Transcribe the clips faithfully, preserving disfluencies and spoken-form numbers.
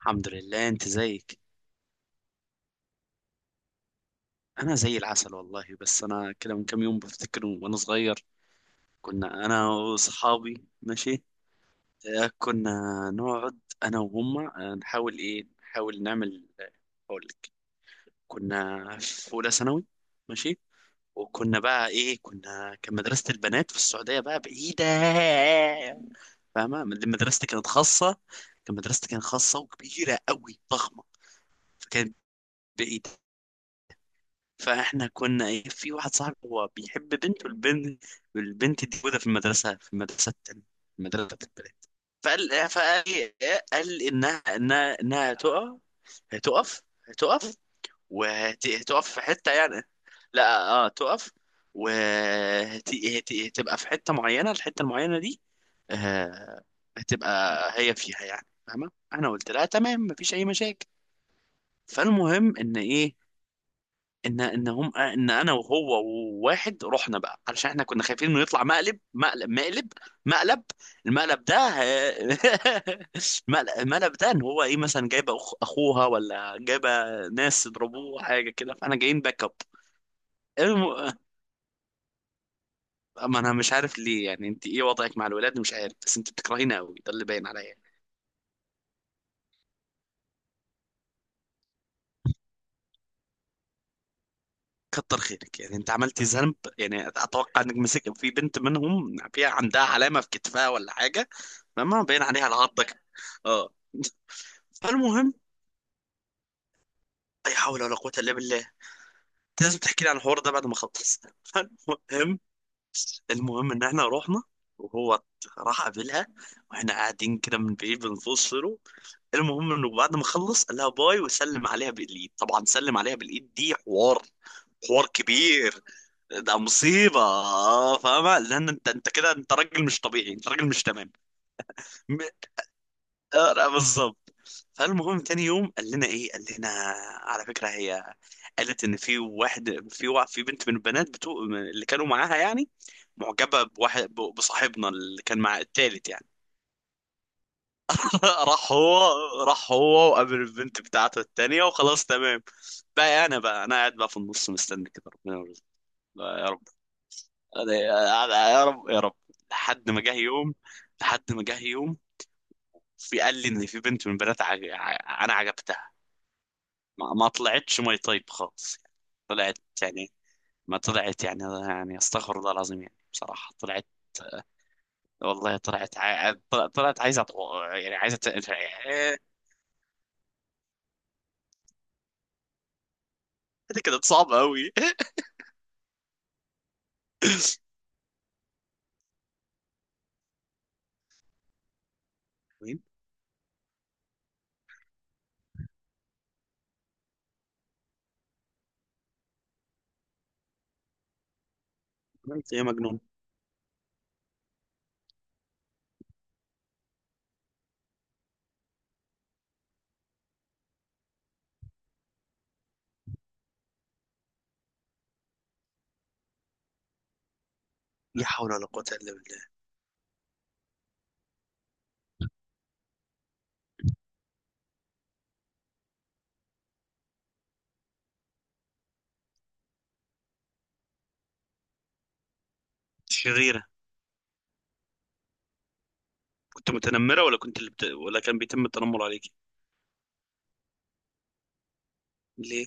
الحمد لله، انت زيك. انا زي العسل والله، بس انا كده من كام يوم بفتكر وانا صغير. كنا انا واصحابي، ماشي. آه، كنا نقعد انا وهم آه، نحاول ايه نحاول نعمل آه، اقول لك. كنا في اولى ثانوي، ماشي. وكنا بقى ايه كنا كان مدرسة البنات في السعودية بقى بعيدة، فاهمة. من- مدرستي كانت خاصة. كان مدرستي كانت خاصة وكبيرة قوي ضخمة، فكانت بعيدة. فاحنا كنا ايه في واحد صاحبي هو بيحب بنت، والبنت والبنت دي موجوده في المدرسه، في المدرسه التانية، في المدرسه بتاعت البلد. فقال فقال إيه؟ قال انها انها انها تقع. هتقف. هتقف وهتقف في حته يعني. لا، اه، تقف. وهتبقى في حته معينه، الحته المعينه دي آه، هتبقى هي فيها، يعني فاهمه. انا قلت لها تمام، مفيش اي مشاكل. فالمهم ان ايه ان ان هم ان انا وهو وواحد رحنا بقى علشان احنا كنا خايفين انه يطلع مقلب مقلب مقلب مقلب المقلب ده، المقلب المقلب ده ان هو ايه مثلا جايبه أخ... اخوها، ولا جايبه ناس يضربوه حاجه كده، فاحنا جايين باك اب. الم... ما انا مش عارف ليه. يعني انت ايه وضعك مع الولاد؟ مش عارف، بس انت بتكرهيني قوي، ده اللي باين عليا. كتر خيرك، يعني انت عملتي ذنب. يعني اتوقع انك مسك في بنت منهم فيها عندها علامه في كتفها ولا حاجه، لما باين عليها العضه كده. اه فالمهم، لا حول ولا قوه الا بالله. انت لازم تحكي لي عن الحوار ده بعد ما اخلص. فالمهم، المهم ان احنا رحنا، وهو راح قابلها، واحنا قاعدين كده من بعيد بنبص. المهم انه بعد ما خلص قال لها باي وسلم عليها بالايد. طبعا سلم عليها بالايد دي حوار، حوار كبير، ده مصيبة آه، فاهمة. لأن أنت أنت كده، أنت راجل مش طبيعي، أنت راجل مش تمام. م- آه، لا، بالظبط. فالمهم تاني يوم قال لنا إيه قال لنا على فكرة، هي قالت إن في واحد، في وا- في بنت من البنات بتوع اللي كانوا معاها يعني، معجبة بواحد، ب- بصاحبنا اللي كان مع التالت يعني. راح هو راح هو وقابل البنت بتاعته التانية، وخلاص تمام. بقى أنا بقى أنا قاعد بقى في النص مستني كده ربنا يرزقنا. يا رب. أنا- يا رب يا رب، لحد ما جه يوم، لحد ما جه يوم في قال لي ان في بنت من بنات عج... ع- انا عجبتها. ما, ما طلعتش ماي طيب خالص. طلعت يعني، ما طلعت يعني. يعني استغفر الله العظيم، يعني بصراحة طلعت. والله طلعت ع... طل- طلعت عايزة أط- يعني عايزة ت- إيه. دي كانت صعبة أوي. مين؟ انت يا مجنون، لا حول ولا قوة إلا بالله. شريرة. كنت متنمرة، ولا كنت اللي بت... ولا كان بيتم التنمر عليك؟ ليه؟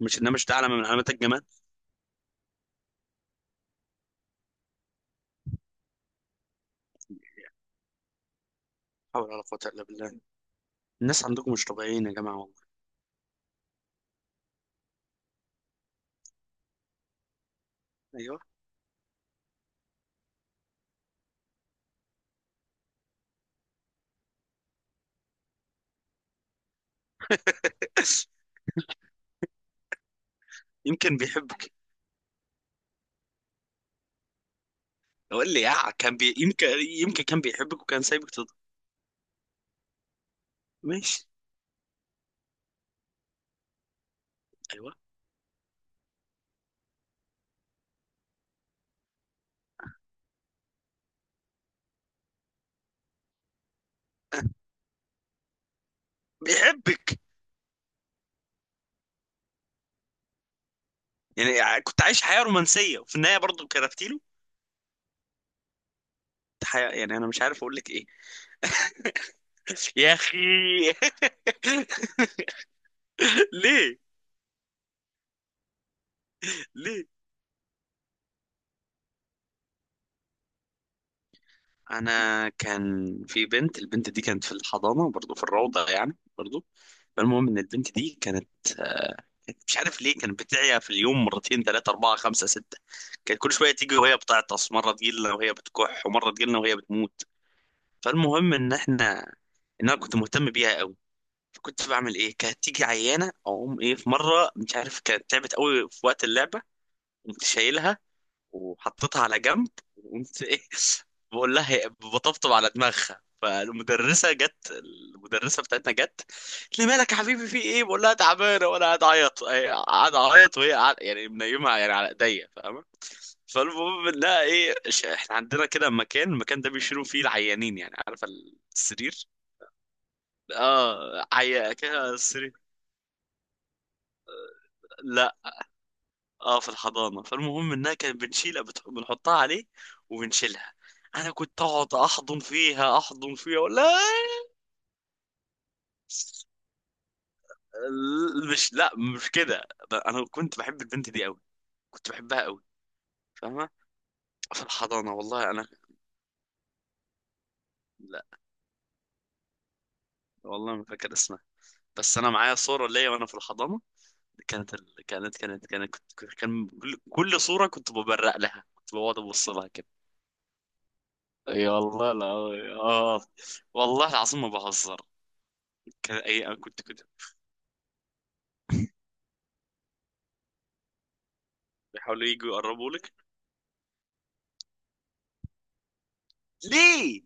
مش انها، مش ده علامة من علامات الجمال؟ حول ولا قوة إلا بالله. الناس عندكم مش طبيعيين يا جماعة، والله. أيوه. يمكن بيحبك. قول لي، يا كان بي... يمكن، يمكن كان بيحبك وكان سايبك تضرب. ماشي. أيوه. بيحبك. يعني كنت عايش حياة رومانسية وفي النهاية برضه كرفت له حياة. يعني أنا مش عارف أقول لك إيه. يا أخي. ليه؟ ليه؟ أنا كان في بنت، البنت دي كانت في الحضانة برضه، في الروضة يعني برضه. فالمهم إن البنت دي كانت، مش عارف ليه، كانت بتعيا في اليوم مرتين ثلاثة أربعة خمسة ستة. كانت كل شوية تيجي وهي بتعطس، مرة تجيلنا وهي بتكح، ومرة تجيلنا وهي بتموت. فالمهم إن إحنا، إن أنا كنت مهتم بيها قوي. فكنت بعمل إيه، كانت تيجي عيانة أقوم إيه. في مرة، مش عارف، كانت تعبت قوي في وقت اللعبة، قمت شايلها وحطيتها على جنب، وقمت ايه بقول لها هي- بطبطب على دماغها. فالمدرسه جت، المدرسه بتاعتنا جت قالت لي مالك يا حبيبي، في ايه، بقول لها تعبانه، وانا قاعد اعيط هي، قاعد اعيط وهي قاعد يعني منيمها يعني على ايديا، فاهمه. فالمهم، لا ايه ش- احنا عندنا كده مكان، المكان ده بيشيلوا فيه العيانين، يعني عارفه، السرير. اه عيا كده السرير. لا، اه، في الحضانه. فالمهم انها كانت بنشيلها بتح- بنحطها عليه وبنشيلها. انا كنت اقعد احضن فيها، احضن فيها ولا مش لا، مش كده. ب- انا كنت بحب البنت دي قوي، كنت بحبها قوي. فاهمه، في الحضانه، والله انا. لا والله ما فاكر اسمها، بس انا معايا صوره ليا وانا في الحضانه. كانت ال... كانت كانت كانت كنت كنت- كان كل كل صوره كنت ببرق لها، كنت بقعد ابص لها كده. اي والله، لا، اه، والله العظيم ما بهزر. كان اي، أنا كنت كنت بيحاولوا يجوا يقربوا لك. ليه؟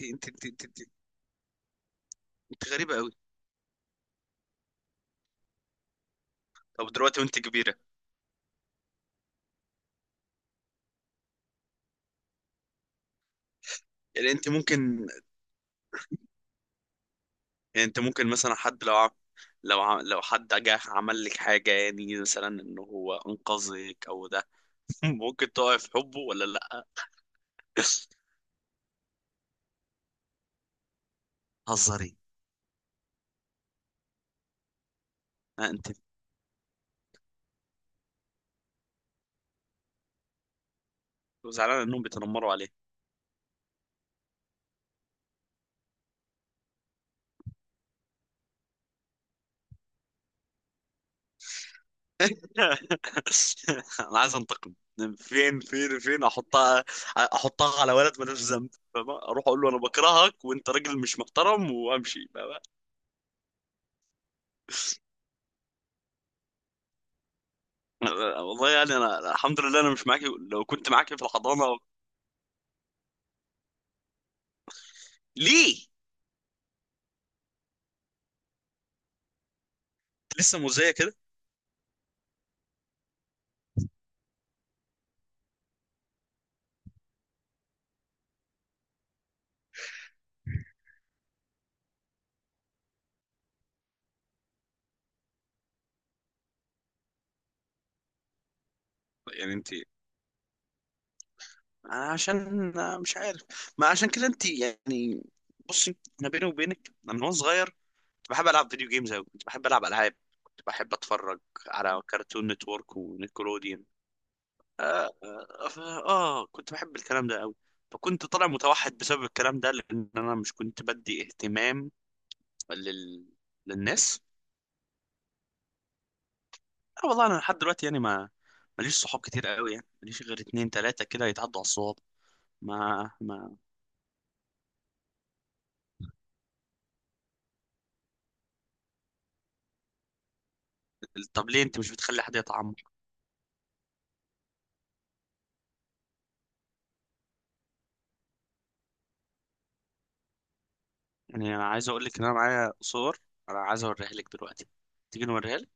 انت انت انت انت, انت غريبه قوي. طب دلوقتي وانت كبيره؟ يعني انت ممكن يعني انت ممكن مثلا حد، لو عم... لو عم... لو حد جه عمل لك حاجه، يعني مثلا ان هو انقذك او ده، ممكن تقع في حبه ولا لا؟ هزري. ها انت زعلان انهم بيتنمروا عليه. انا عايز انتقم. فين فين فين احطها؟ احطها على ولد ملوش ذنب، فاهمة؟ اروح اقول له انا بكرهك وانت راجل مش محترم وامشي. والله يعني انا الحمد لله انا مش معاكي. لو كنت معاكي في الحضانه. ليه؟ لسه مؤذيه كده؟ يعني انت أنا عشان مش عارف، ما عشان كده انت يعني، بصي. انا بيني وبينك، أنا من وانا صغير كنت بحب العب فيديو جيمز قوي، كنت بحب العب العاب، كنت بحب اتفرج على كارتون نتورك ونيكلوديان. آه, آه, اه اه، كنت بحب الكلام ده قوي. فكنت طالع متوحد بسبب الكلام ده، لان انا مش كنت بدي اهتمام لل... للناس. لا والله انا لحد دلوقتي يعني، ما ماليش صحاب كتير قوي، يعني ماليش غير اتنين تلاتة كده يتعدوا على الصواب. ما ما طب ليه انت مش بتخلي حد يتعمق؟ يعني انا عايز اقول لك ان انا معايا صور، انا عايز اوريها لك دلوقتي. تيجي نوريها؟